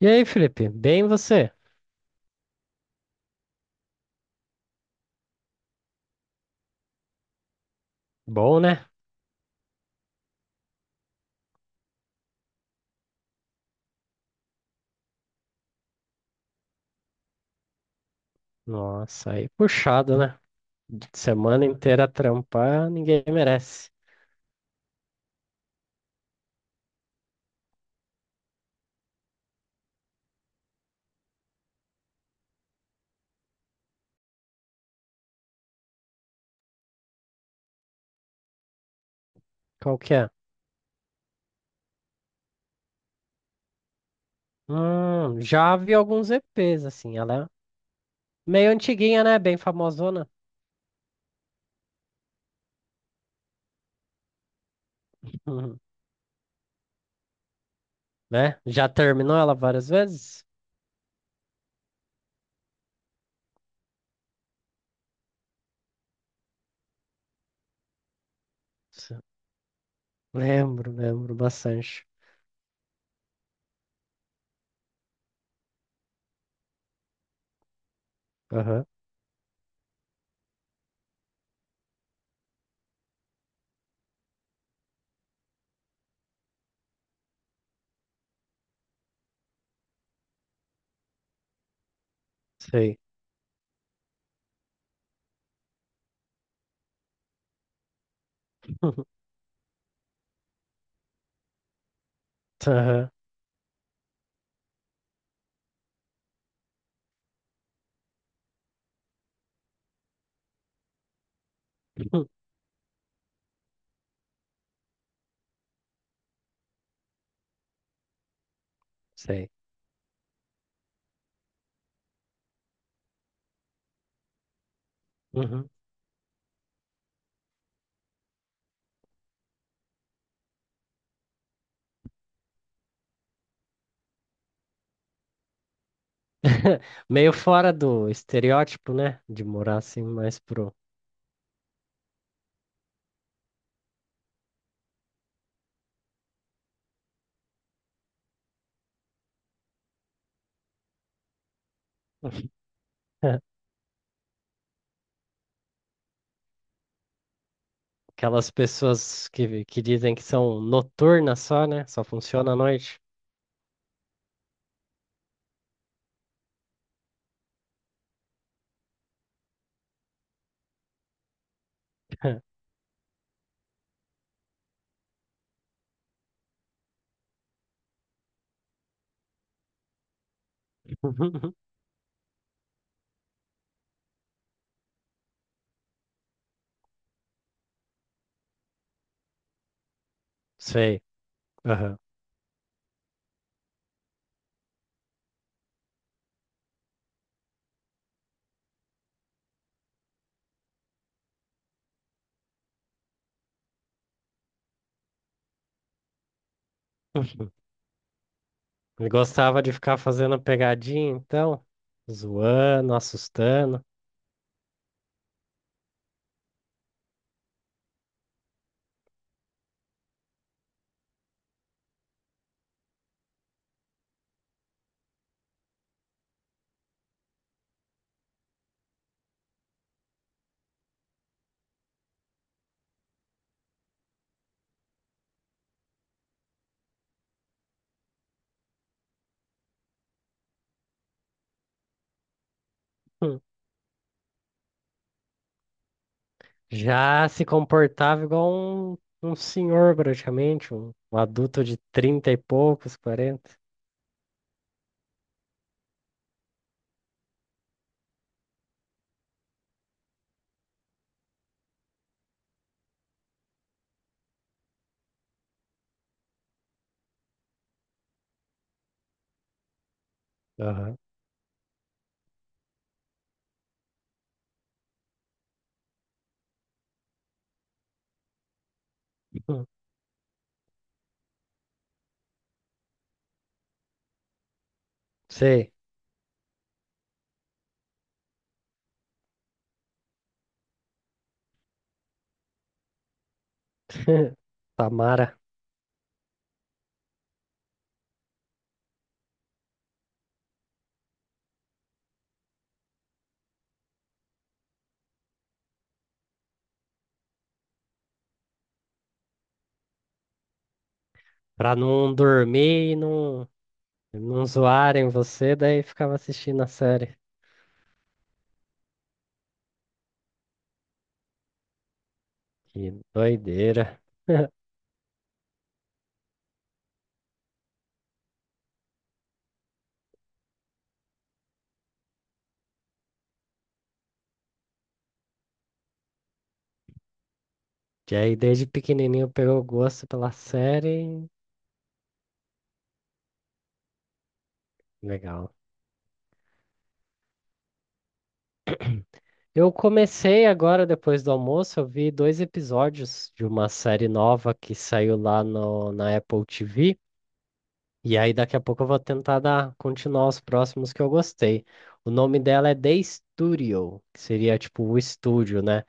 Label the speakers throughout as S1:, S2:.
S1: E aí, Felipe? Bem você? Bom, né? Nossa, aí puxado, né? Semana inteira trampar, ninguém merece. Qual que é? Já vi alguns EPs, assim. Ela é meio antiguinha, né? Bem famosona. Uhum. Né? Já terminou ela várias vezes? Sim. Lembro, lembro bastante. Aham, sei. Aham, sei. Uhum. Meio fora do estereótipo, né? De morar assim mais pro. Aquelas pessoas que dizem que são noturnas só, né? Só funciona à noite. Sei. Aham. Ele gostava de ficar fazendo pegadinha, então, zoando, assustando. Hum. Já se comportava igual um, um senhor, praticamente, um adulto de 30 e poucos, quarenta. Aham. Hum. Sei. Tamara. Pra não dormir e não, não zoarem você, daí ficava assistindo a série. Que doideira. Que aí desde pequenininho pegou gosto pela série. Legal. Eu comecei agora, depois do almoço, eu vi dois episódios de uma série nova que saiu lá no, na Apple TV. E aí daqui a pouco eu vou tentar dar, continuar os próximos que eu gostei. O nome dela é The Studio, que seria tipo o estúdio, né?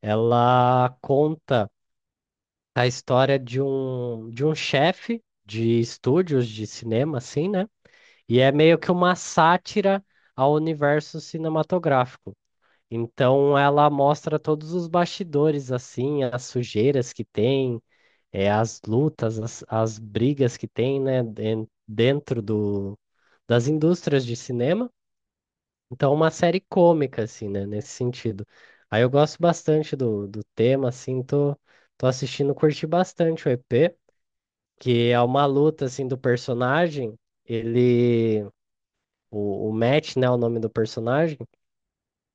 S1: Ela conta a história de um chefe de estúdios de cinema, assim, né? E é meio que uma sátira ao universo cinematográfico. Então, ela mostra todos os bastidores, assim, as sujeiras que tem, as lutas, as brigas que tem, né, dentro do, das indústrias de cinema. Então, uma série cômica, assim, né, nesse sentido. Aí eu gosto bastante do, do tema, assim, tô assistindo, curti bastante o EP que é uma luta assim do personagem. Ele, o Matt, né, o nome do personagem,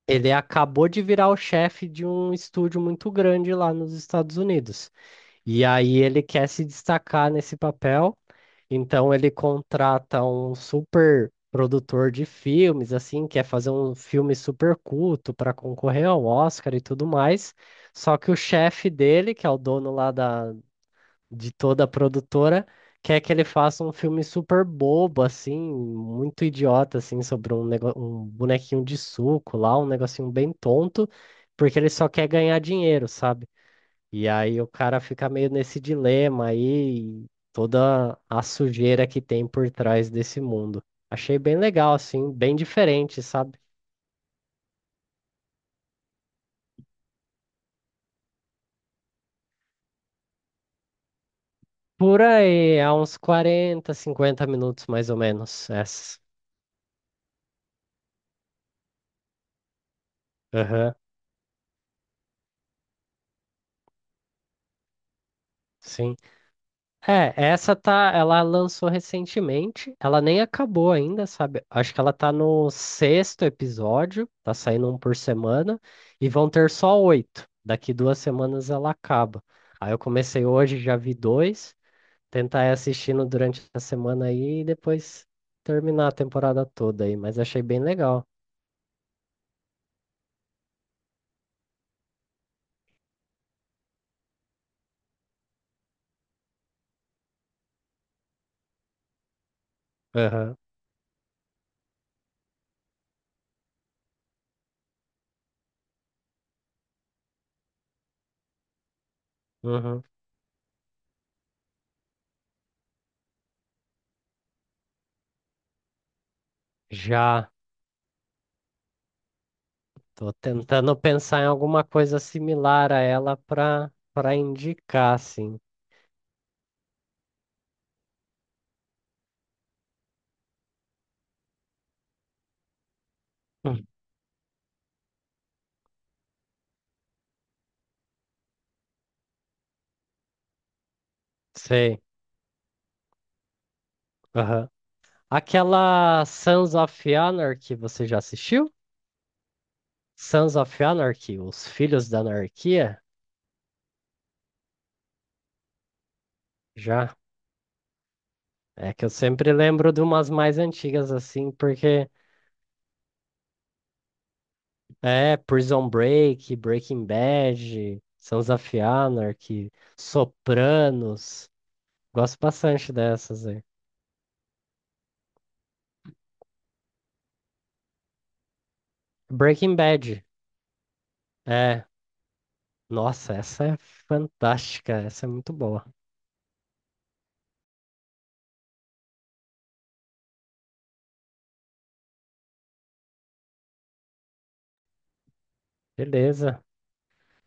S1: ele acabou de virar o chefe de um estúdio muito grande lá nos Estados Unidos. E aí ele quer se destacar nesse papel, então ele contrata um super produtor de filmes, assim, quer fazer um filme super culto para concorrer ao Oscar e tudo mais. Só que o chefe dele, que é o dono lá da de toda a produtora, quer que ele faça um filme super bobo, assim, muito idiota, assim, sobre um, nego... um bonequinho de suco lá, um negocinho bem tonto, porque ele só quer ganhar dinheiro, sabe? E aí o cara fica meio nesse dilema aí, e toda a sujeira que tem por trás desse mundo. Achei bem legal, assim, bem diferente, sabe? Por aí, há uns 40 50 minutos mais ou menos, essa. Aham, sim. É, essa tá, ela lançou recentemente, ela nem acabou ainda, sabe? Acho que ela tá no sexto episódio, tá saindo um por semana, e vão ter só oito. Daqui duas semanas ela acaba. Aí eu comecei hoje, já vi dois, tentar ir assistindo durante a semana aí e depois terminar a temporada toda aí, mas achei bem legal. Aham, uhum. Já tô tentando pensar em alguma coisa similar a ela pra indicar, assim. Hum. Sei. Aham. Aquela Sons of Anarchy, você já assistiu? Sons of Anarchy, Os Filhos da Anarquia? Já. É que eu sempre lembro de umas mais antigas assim, porque é Prison Break, Breaking Bad, Sons of Anarchy, Sopranos. Gosto bastante dessas aí. Breaking Bad. É. Nossa, essa é fantástica, essa é muito boa. Beleza.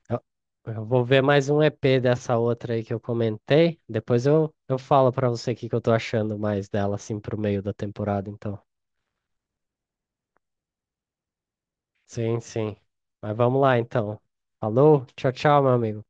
S1: Eu, eu vou ver mais um EP dessa outra aí que eu comentei. Depois eu falo pra você o que que eu tô achando mais dela, assim, pro meio da temporada, então. Sim, sim. Mas vamos lá, então. Falou, tchau, tchau, meu amigo.